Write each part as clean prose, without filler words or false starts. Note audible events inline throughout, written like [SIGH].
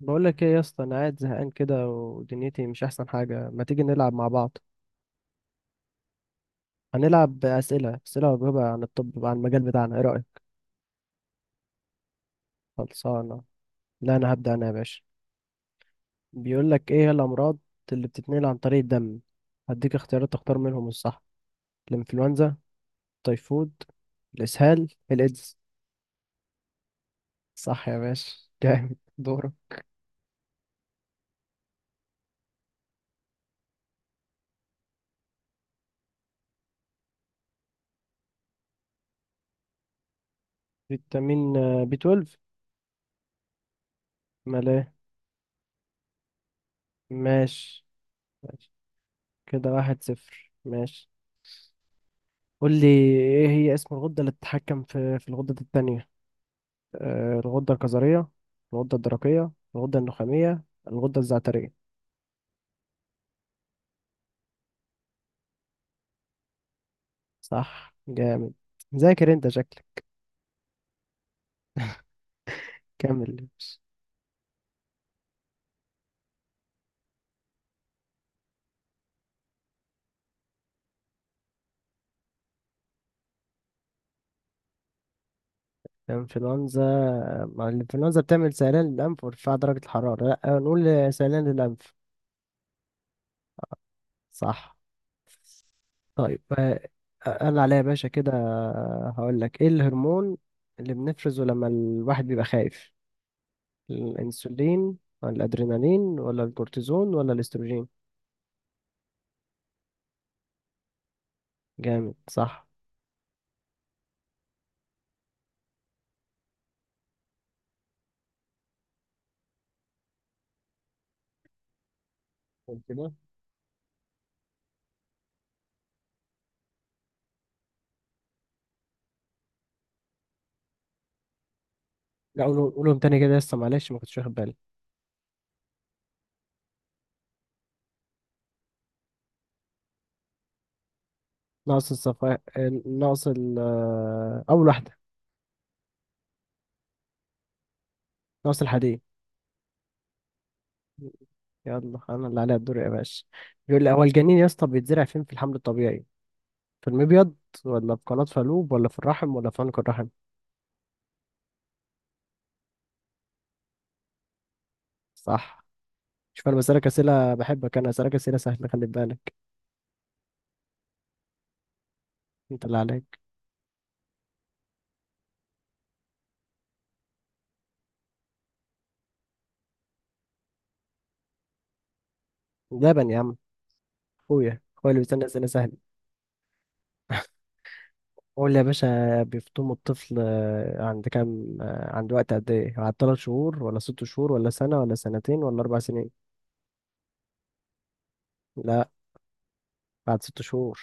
بقول لك ايه يا اسطى، انا قاعد زهقان كده ودنيتي مش احسن حاجه، ما تيجي نلعب مع بعض؟ هنلعب اسئله اسئله واجوبه عن الطب، عن المجال بتاعنا، ايه رايك؟ خلصانه. لا انا هبدا انا يا باشا. بيقول لك، ايه هي الامراض اللي بتتنقل عن طريق الدم؟ هديك اختيارات تختار منهم الصح. الانفلونزا، التيفود، الاسهال، الايدز؟ صح يا باشا. [LAUGHS] جامد. دوره. فيتامين بي 12. مال ايه؟ ماشي. ماشي. كده 1-0. ماشي. قول لي، ايه هي اسم الغدة اللي بتتحكم في الغدة التانية؟ الغدة الكظرية، الغدة الدرقية، الغدة النخامية، الغدة الزعترية؟ صح. جامد. ذاكر انت شكلك. كمل. الانفلونزا، مع الانفلونزا بتعمل سيلان للأنف وارتفاع درجة الحرارة، لا نقول سيلان للأنف. صح. طيب. انا عليا يا باشا كده، هقول لك ايه الهرمون اللي بنفرزه لما الواحد بيبقى خايف؟ الانسولين، ولا الادرينالين، ولا الكورتيزون، ولا الاستروجين؟ جامد. صح. قول كده. لا، قولهم قولهم تاني كده، لسه معلش ما كنتش واخد بالي. ناقص الصفا. ناقص ال-، اول واحده. ناقص الحديد. يلا، انا اللي عليا الدور يا باشا. بيقول لي، هو الجنين يا اسطى بيتزرع فين في الحمل الطبيعي؟ في المبيض، ولا في قناة فالوب، ولا في الرحم، ولا في عنق الرحم؟ صح. شوف، انا بسألك اسئله، بحبك انا اسألك اسئله سهله، خلي بالك. انت اللي عليك. لبن يا عم. اخويا اخويا اللي بيسألني اسئله سهله. قول لي يا باشا، بيفطموا الطفل عند كام، عند وقت قد ايه؟ بعد 3 شهور، ولا 6 شهور، ولا سنة، ولا سنتين، ولا 4 سنين؟ لا، بعد 6 شهور.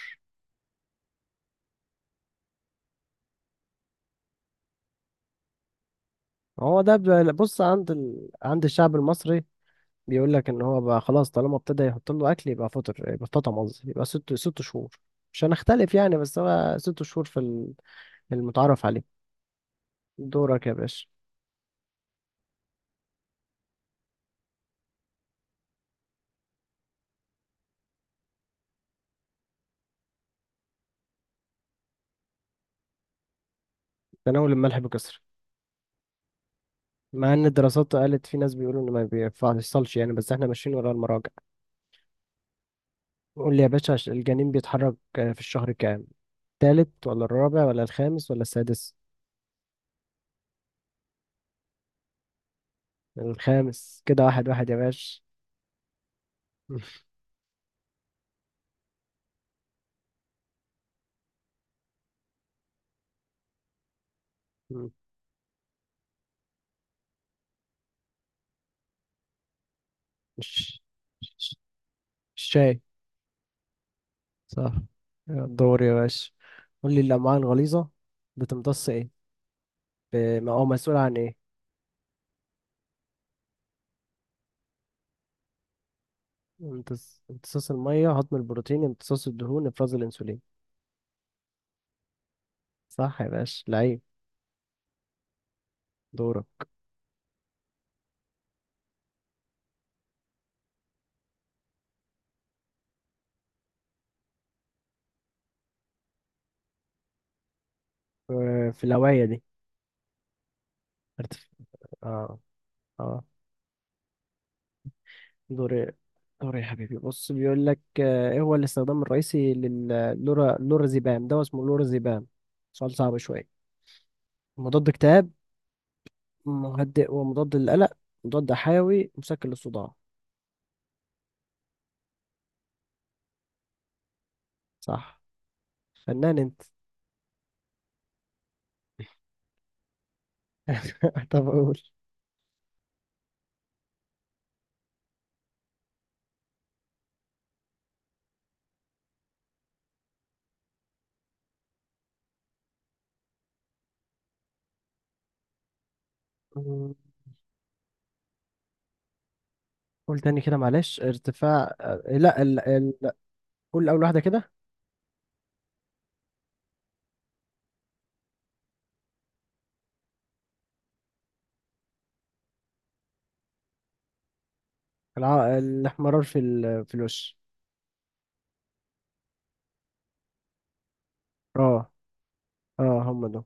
هو ده بص، عند عند الشعب المصري، بيقول لك ان هو بقى خلاص طالما ابتدى يحط له اكل يبقى فطر، يبقى فطم، قصدي يبقى ست شهور. مش هنختلف يعني، بس هو 6 شهور في المتعارف عليه. دورك يا باشا. تناول الملح بكثرة. مع ان الدراسات قالت في ناس بيقولوا ان ما بيفصلش يعني، بس احنا ماشيين ورا المراجع. قول لي يا باشا، الجنين بيتحرك في الشهر كام؟ التالت، ولا الرابع، ولا الخامس، ولا السادس؟ الخامس. كده 1-1 يا باشا. [LAUGHS] الش- الش- الشاي. صح. الدور يا باشا. قول لي، الأمعاء الغليظة بتمتص ايه، أو مسؤول عن ايه؟ امتصاص المية، هضم البروتين، امتصاص الدهون، افراز الأنسولين؟ صح يا باشا. لعيب. دورك. في الهواية دي. ارتف... اه. اه. دوري، دوري يا حبيبي. بص، بيقول لك، ايه هو الاستخدام الرئيسي للورازيبام. ده اسمه لورازيبام. سؤال صعب شوية. مضاد اكتئاب، مهدئ ومضاد للقلق، مضاد حيوي، مسكن للصداع؟ صح. فنان انت. [LAUGHS] طب قول. قول تاني كده، معلش. ارتفاع لا، قول اول واحدة كده. الاحمرار في الوش. اه، اه هم دول.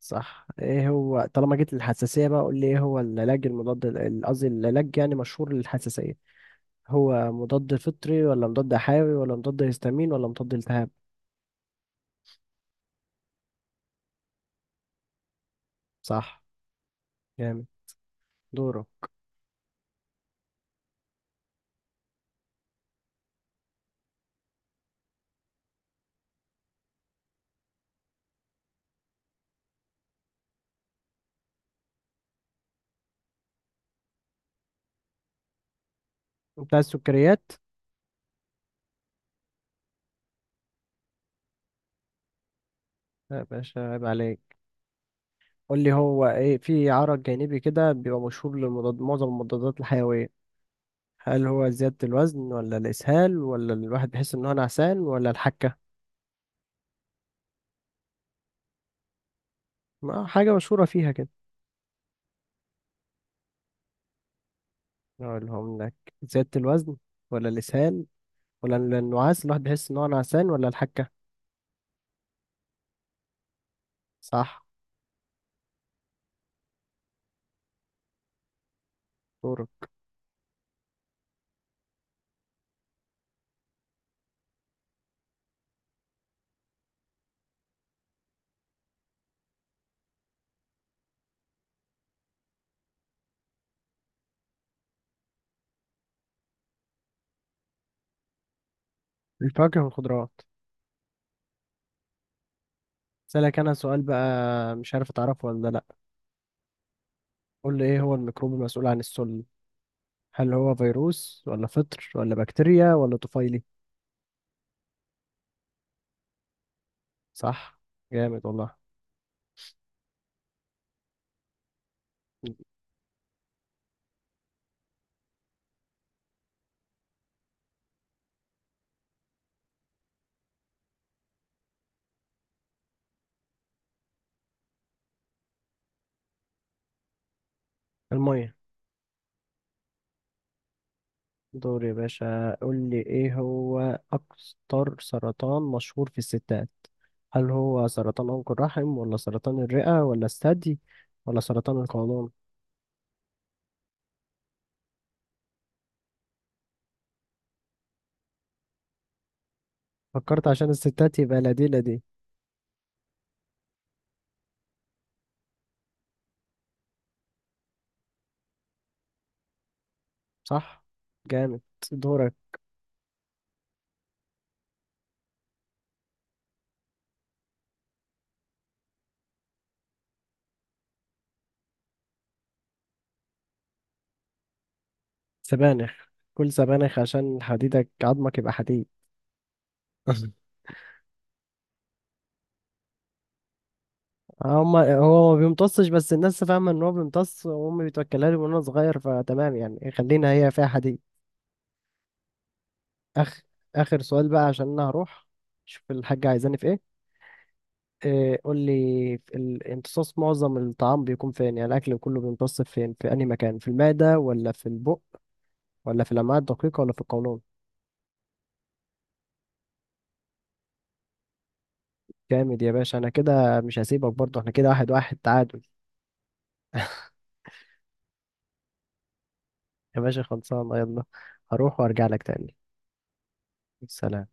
صح. ايه هو، طالما جيت للحساسية بقى، قول لي، ايه هو العلاج المضاد قصدي العلاج يعني مشهور للحساسية؟ هو مضاد فطري، ولا مضاد حيوي، ولا مضاد هيستامين، ولا مضاد التهاب؟ صح. جامد. دوره. انت عايز سكريات؟ يا باشا، عيب عليك. قول لي، هو ايه في عرض جانبي كده بيبقى مشهور للمضاد، معظم المضادات الحيوية؟ هل هو زيادة الوزن، ولا الإسهال، ولا الواحد بيحس إن هو نعسان، ولا الحكة؟ ما حاجة مشهورة فيها كده. أقولهم لك. زيادة الوزن، ولا الإسهال، ولا النعاس، الواحد بيحس ان هو نعسان، ولا الحكة؟ صح. دورك. الفواكه والخضروات. سألك انا سؤال بقى، مش عارف تعرفه ولا لا. قول لي، ايه هو الميكروب المسؤول عن السل؟ هل هو فيروس، ولا فطر، ولا بكتيريا، ولا طفيلي؟ صح. جامد والله. المية. دور يا باشا. قول لي، ايه هو اكتر سرطان مشهور في الستات؟ هل هو سرطان عنق الرحم، ولا سرطان الرئة، ولا الثدي، ولا سرطان القولون؟ فكرت عشان الستات يبقى، لا دي، لا دي. صح. جامد. دورك. سبانخ. كل سبانخ عشان حديدك، عظمك يبقى حديد. [LAUGHS] هما هو ما بيمتصش، بس الناس فاهمة ان هو بيمتص، وامي بتوكلها لي وانا صغير، فتمام يعني، خلينا هي فيها حديد. اخ اخر سؤال بقى عشان انا هروح، شوف الحاجة عايزاني في ايه. إيه، قول لي. في الامتصاص معظم الطعام بيكون فين؟ يعني الاكل كله بيمتص فين، في انهي مكان؟ في المعدة، ولا في البق، ولا في الامعاء الدقيقة، ولا في القولون؟ جامد يا باشا. انا كده مش هسيبك برضه، احنا كده 1-1 تعادل. يا باشا، خلصان. يلا، هروح وارجع لك تاني. سلام.